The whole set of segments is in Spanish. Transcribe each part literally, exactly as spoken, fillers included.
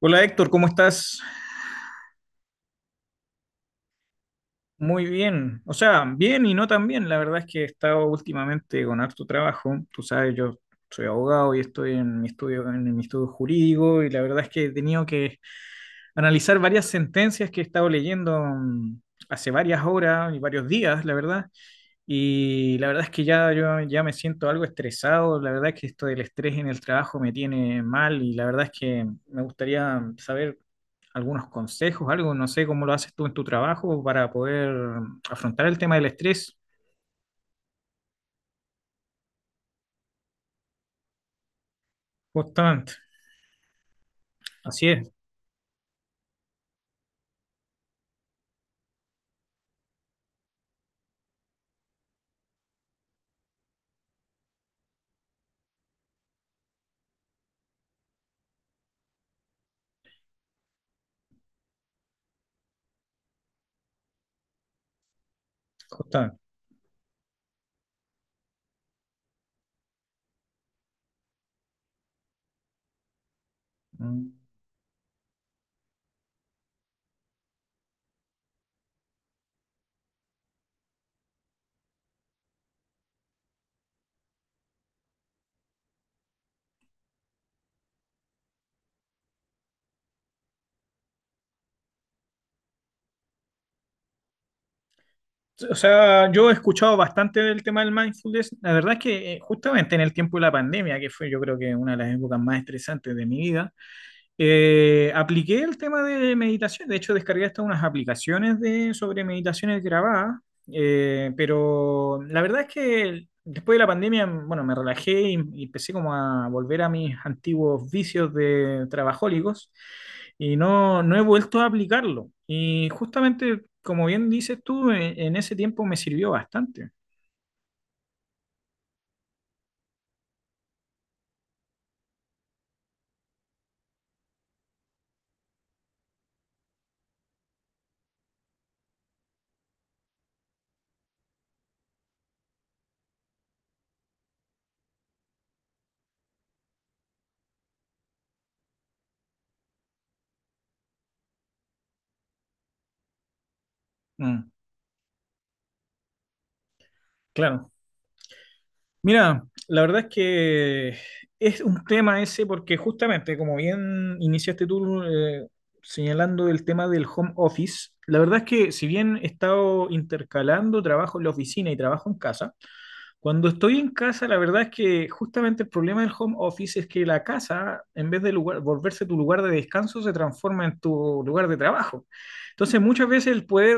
Hola Héctor, ¿cómo estás? Muy bien, o sea, bien y no tan bien. La verdad es que he estado últimamente con harto trabajo. Tú sabes, yo soy abogado y estoy en mi estudio, en mi estudio jurídico y la verdad es que he tenido que analizar varias sentencias que he estado leyendo mm, hace varias horas y varios días, la verdad. Y la verdad es que ya yo ya me siento algo estresado. La verdad es que esto del estrés en el trabajo me tiene mal y la verdad es que me gustaría saber algunos consejos, algo, no sé cómo lo haces tú en tu trabajo para poder afrontar el tema del estrés. Justamente, así es, justamente. Mm. O sea, yo he escuchado bastante del tema del mindfulness. La verdad es que eh, justamente en el tiempo de la pandemia, que fue yo creo que una de las épocas más estresantes de mi vida, Eh, apliqué el tema de meditación, de hecho descargué hasta unas aplicaciones de, sobre meditaciones grabadas, eh, pero la verdad es que después de la pandemia, bueno, me relajé y, y empecé como a volver a mis antiguos vicios de trabajólicos y no, no he vuelto a aplicarlo. Y justamente, como bien dices tú, en, en ese tiempo me sirvió bastante. Mm, claro. Mira, la verdad es que es un tema ese porque justamente, como bien iniciaste tú eh, señalando el tema del home office, la verdad es que si bien he estado intercalando trabajo en la oficina y trabajo en casa, cuando estoy en casa, la verdad es que justamente el problema del home office es que la casa, en vez de lugar, volverse tu lugar de descanso, se transforma en tu lugar de trabajo. Entonces, muchas veces el poder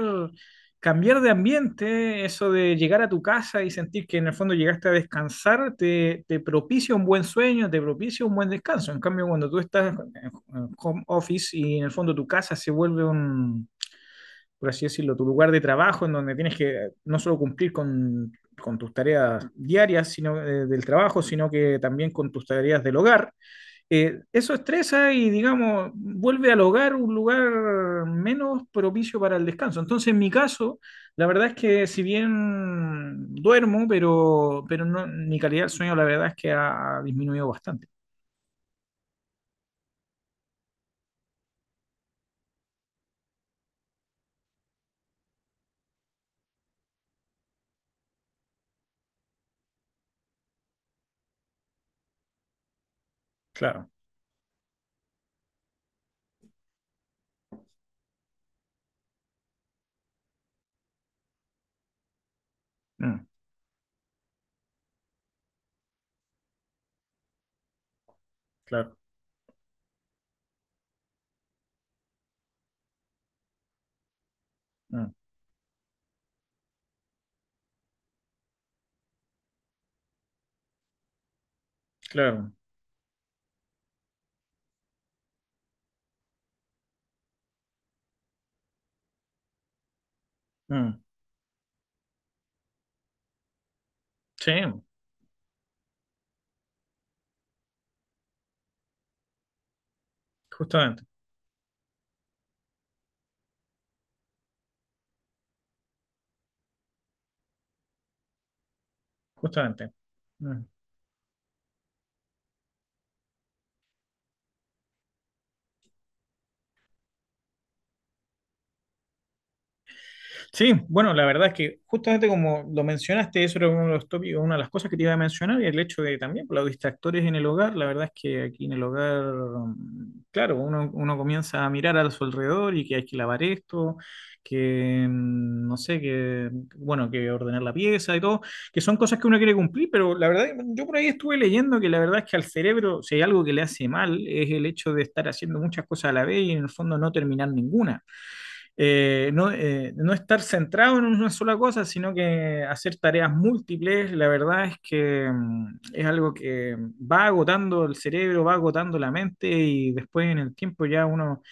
cambiar de ambiente, eso de llegar a tu casa y sentir que en el fondo llegaste a descansar, te, te propicia un buen sueño, te propicia un buen descanso. En cambio, cuando tú estás en en home office y en el fondo tu casa se vuelve un por así decirlo, tu lugar de trabajo, en donde tienes que no solo cumplir con, con tus tareas diarias sino, eh, del trabajo, sino que también con tus tareas del hogar, eh, eso estresa y, digamos, vuelve al hogar un lugar menos propicio para el descanso. Entonces, en mi caso, la verdad es que si bien duermo, pero, pero no, mi calidad del sueño, la verdad es que ha disminuido bastante. Claro, mm, claro, mm, claro. Mm. Sí, justamente, justamente. Mm. Sí, bueno, la verdad es que justamente como lo mencionaste, eso era uno de los tópicos, una de las cosas que te iba a mencionar, y el hecho de también por los distractores en el hogar, la verdad es que aquí en el hogar, mm, claro, uno, uno comienza a mirar a su alrededor y que hay que lavar esto, que mm, no sé, que bueno, que ordenar la pieza y todo, que son cosas que uno quiere cumplir, pero la verdad, yo por ahí estuve leyendo que la verdad es que al cerebro, si hay algo que le hace mal, es el hecho de estar haciendo muchas cosas a la vez y en el fondo no terminar ninguna eh, no, eh, no estar centrado en una sola cosa, sino que hacer tareas múltiples, la verdad es que mm, es algo que va agotando el cerebro, va agotando la mente y después en el tiempo ya uno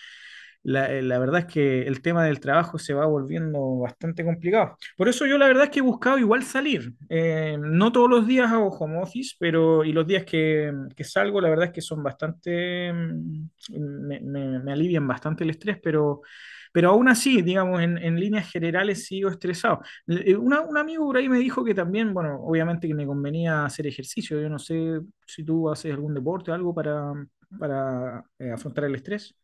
la, eh, la verdad es que el tema del trabajo se va volviendo bastante complicado. Por eso yo la verdad es que he buscado igual salir. Eh, no todos los días hago home office, pero y los días que, que salgo, la verdad es que son bastante, mm, me, me- me alivian bastante el estrés, pero, pero aún así, digamos, en, en líneas generales sigo estresado. Le- eh, una- un amigo por ahí me dijo que también, bueno, obviamente que me convenía hacer ejercicio. Yo no sé si tú haces algún deporte o algo para, para eh, afrontar el estrés.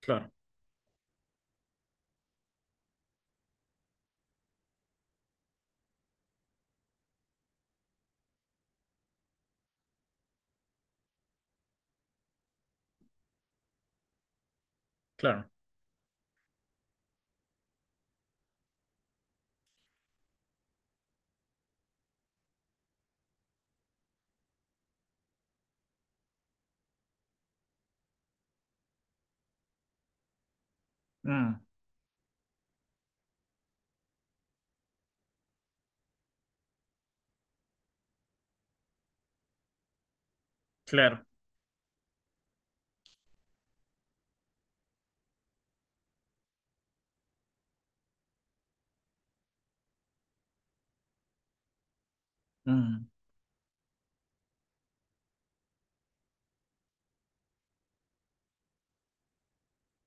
Claro, claro. Mm, claro. Mm,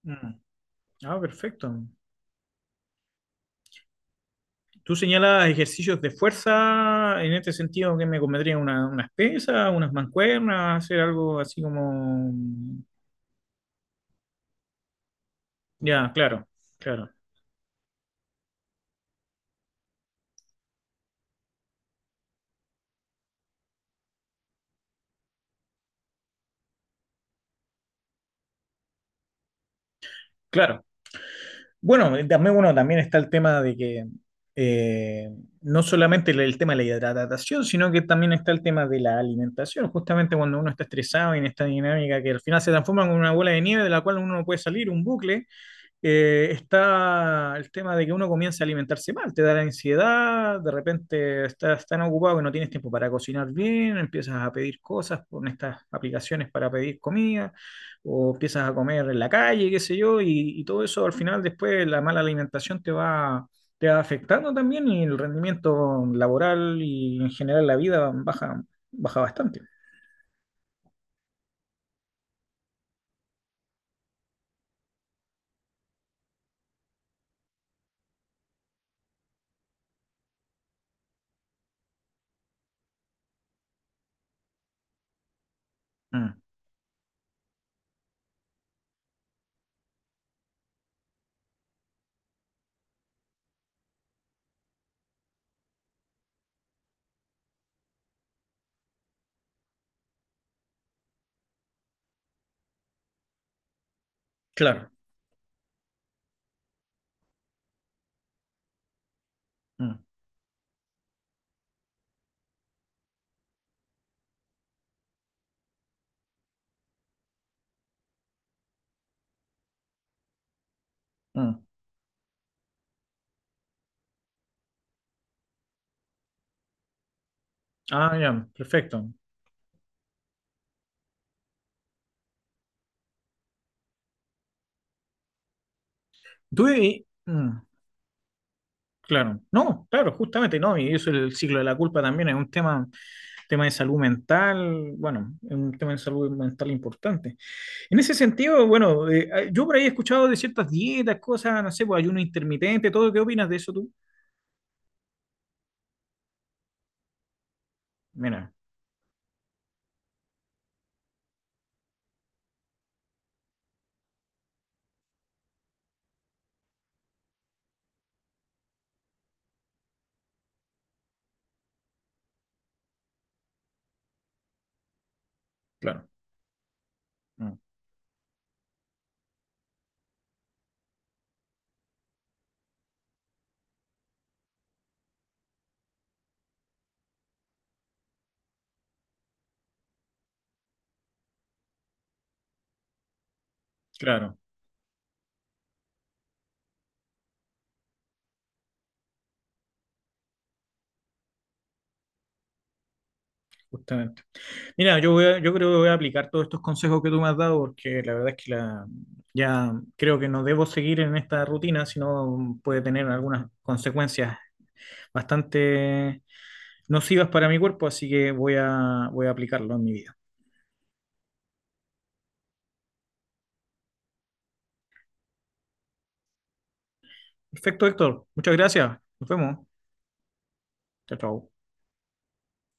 mm. Ah, perfecto. Tú señalas ejercicios de fuerza en este sentido que me convendría una, unas pesas, unas mancuernas, hacer algo así como... mm, ya, claro, claro, claro. Bueno, eh, también, bueno, también está el tema de que eh, no solamente el, el tema de la hidratación, sino que también está el tema de la alimentación, justamente cuando uno está estresado y en esta dinámica que al final se transforma en una bola de nieve de la cual uno no puede salir, un bucle. Eh, está el tema de que uno comienza a alimentarse mal, te da la ansiedad, de repente estás tan ocupado que no tienes tiempo para cocinar bien, empiezas a pedir cosas con estas aplicaciones para pedir comida, o empiezas a comer en la calle, qué sé yo, y, y todo eso al final después la mala alimentación te va, te va afectando también y el rendimiento laboral y en general la vida baja, baja bastante. Mm, claro. Mm, mm. Ah, ya, perfecto. Tú, y- mm. Claro, no, claro, justamente no, y eso el ciclo de la culpa también es un tema, tema de salud mental, bueno, es un tema de salud mental importante. En ese sentido, bueno, eh, ah, yo por ahí he escuchado de ciertas dietas, cosas, no sé, pues ayuno intermitente, todo, ¿qué opinas de eso tú? Mira, claro, mm, claro, justamente. Mira, yo voy a- yo creo que voy a aplicar todos estos consejos que tú me has dado, porque la verdad es que la, ya creo que no debo seguir en esta rutina, sino puede tener algunas consecuencias bastante nocivas para mi cuerpo, así que voy a, voy a aplicarlo en mi vida. Perfecto, Héctor. Muchas gracias. Nos vemos. Chao, chao.